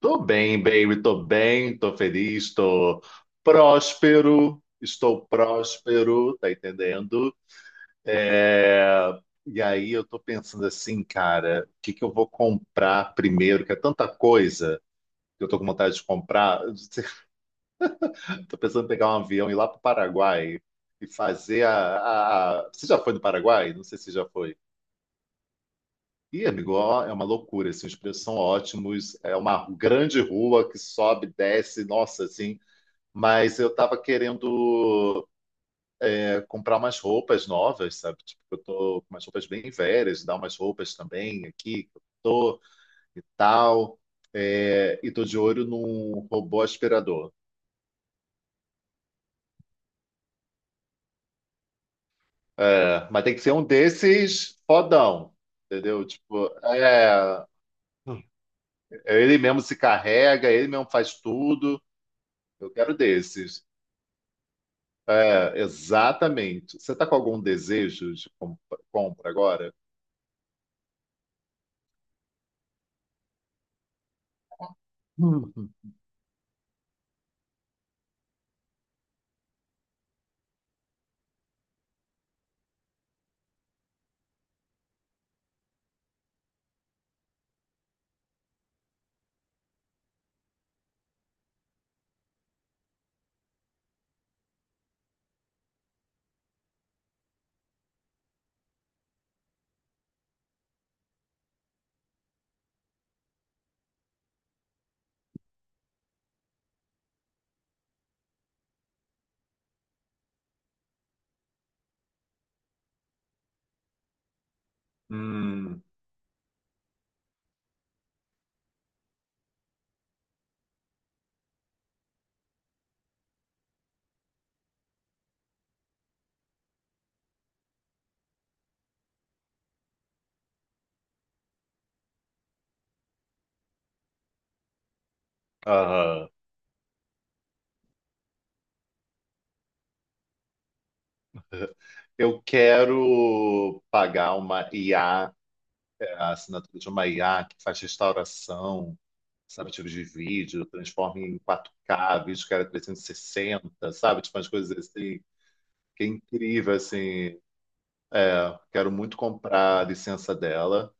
Tô bem, baby, tô bem, tô feliz, tô próspero, estou próspero, tá entendendo? É. E aí eu tô pensando assim, cara, o que que eu vou comprar primeiro? Que é tanta coisa que eu tô com vontade de comprar. Tô pensando em pegar um avião e ir lá pro Paraguai e fazer Você já foi no Paraguai? Não sei se já foi. Ih, amigo, ó, é uma loucura, assim, os preços são ótimos, é uma grande rua que sobe, desce, nossa, assim. Mas eu tava querendo comprar umas roupas novas, sabe? Tipo, eu tô com umas roupas bem velhas, dar umas roupas também aqui, que eu tô e tal. É, e tô de olho num robô aspirador. É, mas tem que ser um desses fodão, entendeu? Tipo, ele mesmo se carrega, ele mesmo faz tudo. Eu quero desses. É, exatamente. Você tá com algum desejo de compra agora? Hum. Hum. Aham. Eu quero pagar uma IA, a assinatura de uma IA que faz restauração, sabe, tipo de vídeo, transforma em 4K vídeo que era 360, sabe, tipo umas coisas assim, que é incrível, assim. Quero muito comprar a licença dela.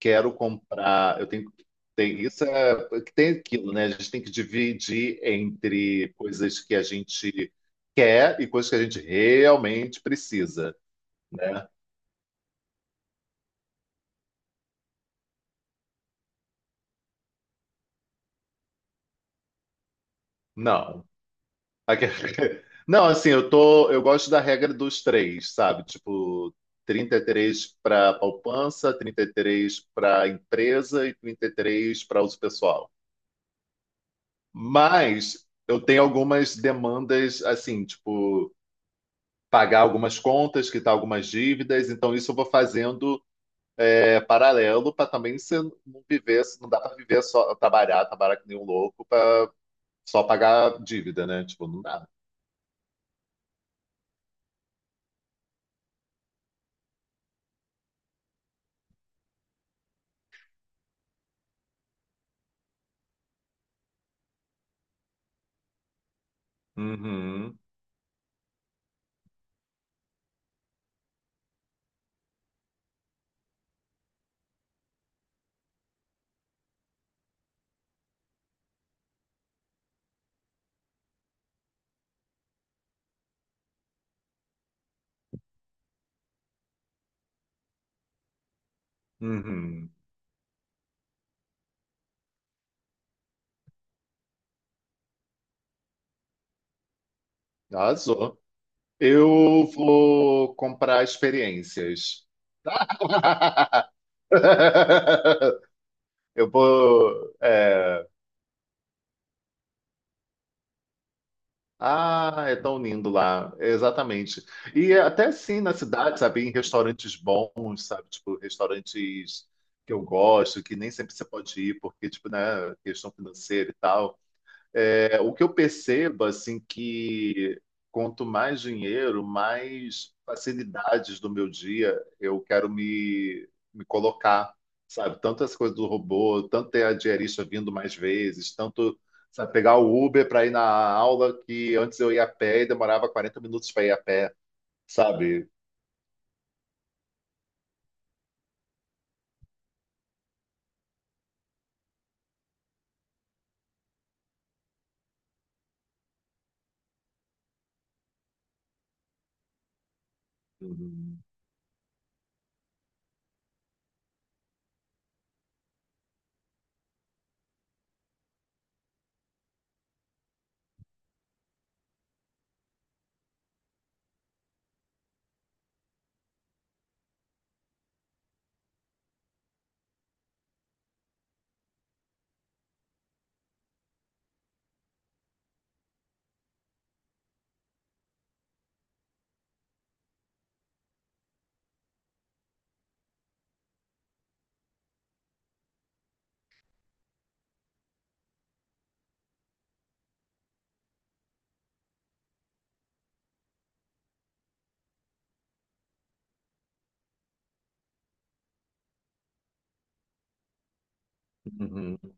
Quero comprar. Eu tenho. Tem, isso é. Tem aquilo, né? A gente tem que dividir entre coisas que a gente quer e coisas que a gente realmente precisa, né? Não, Aque- Não, assim, eu tô, eu gosto da regra dos três, sabe? Tipo, 33 para poupança, 33 para empresa e 33 para uso pessoal. Mas eu tenho algumas demandas, assim, tipo, pagar algumas contas, quitar algumas dívidas, então isso eu vou fazendo paralelo, para também você não viver, não dá para viver só trabalhar, trabalhar que nem um louco para só pagar dívida, né? Tipo, não dá. Uhum, uhum. Arrasou. Eu vou comprar experiências. Eu vou. Ah, é tão lindo lá, exatamente. E é até sim na cidade, sabe, em restaurantes bons, sabe, tipo restaurantes que eu gosto, que nem sempre você pode ir porque tipo, né, questão financeira e tal. É, o que eu percebo, assim, que quanto mais dinheiro, mais facilidades do meu dia eu quero me colocar, sabe? Tanto essa coisa do robô, tanto ter a diarista vindo mais vezes, tanto, sabe, pegar o Uber para ir na aula que antes eu ia a pé e demorava 40 minutos para ir a pé, sabe? Uhum. Uhum.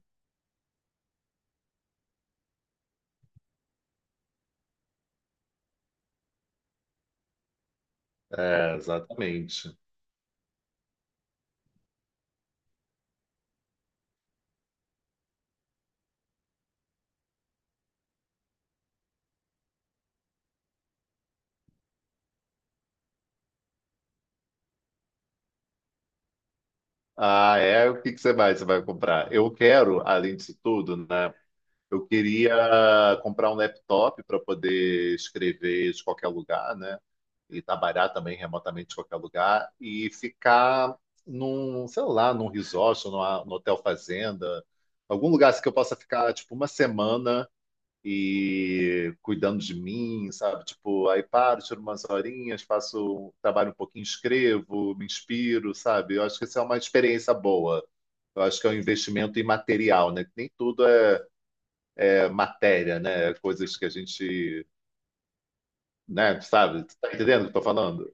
É, exatamente. Ah, é? O que que você vai comprar? Eu quero, além disso tudo, né? Eu queria comprar um laptop para poder escrever de qualquer lugar, né? E trabalhar também remotamente de qualquer lugar e ficar num, sei lá, num resort, numa, num hotel fazenda, algum lugar assim que eu possa ficar tipo uma semana e cuidando de mim, sabe? Tipo, aí paro, tiro umas horinhas, faço, um, trabalho um pouquinho, escrevo, me inspiro, sabe? Eu acho que essa é uma experiência boa. Eu acho que é um investimento imaterial, né? Nem tudo é matéria, né? Coisas que a gente, né, sabe? Tu tá entendendo o que eu tô falando?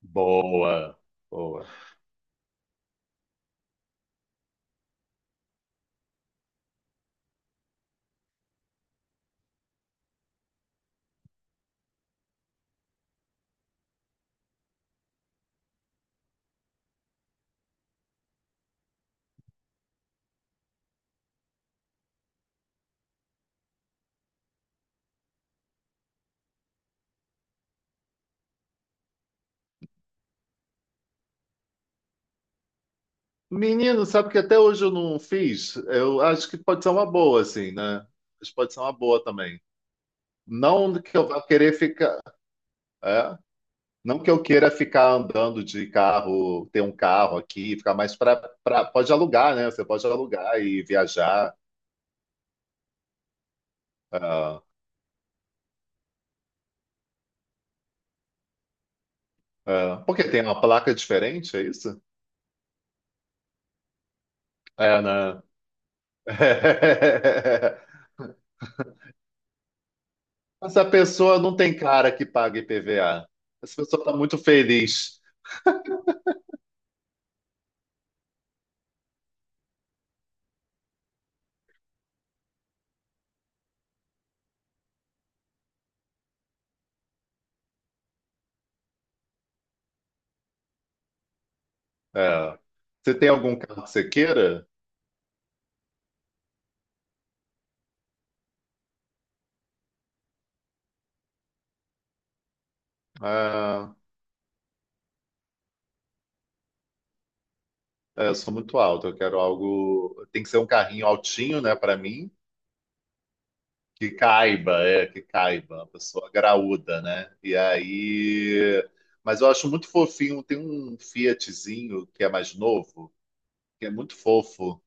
Boa, boa. Menino, sabe que até hoje eu não fiz? Eu acho que pode ser uma boa, assim, né? Mas pode ser uma boa também. Não que eu vá querer ficar. é, Não que eu queira ficar andando de carro, ter um carro aqui, ficar mais para. Pode alugar, né? Você pode alugar e viajar. Ah, ah. Porque tem uma placa diferente, é isso? É, né? Essa pessoa não tem cara que paga IPVA. Essa pessoa está muito feliz. É. Você tem algum carro que você queira? Ah, é, eu sou muito alto, eu quero algo. Tem que ser um carrinho altinho, né, para mim, que caiba, que caiba, uma pessoa graúda, né? E aí. Mas eu acho muito fofinho, tem um Fiatzinho que é mais novo, que é muito fofo,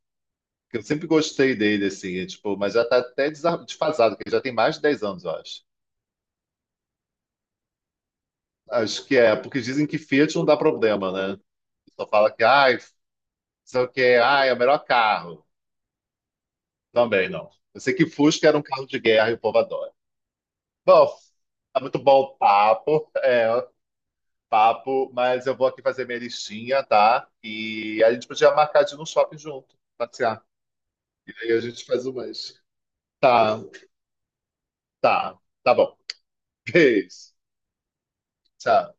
que eu sempre gostei dele, assim, tipo, mas já tá até desfasado, que ele já tem mais de 10 anos, eu acho. Acho que é, porque dizem que Fiat não dá problema, né? Só fala que, ai, sei o quê, ai, é o melhor carro. Também não. Eu sei que Fusca era um carro de guerra e o povo adora. Bom, tá muito bom o papo, mas eu vou aqui fazer minha listinha, tá? E a gente podia marcar de ir no shopping junto, passear. E aí a gente faz o mais. Tá, tá, tá bom. Beijo. Tchau.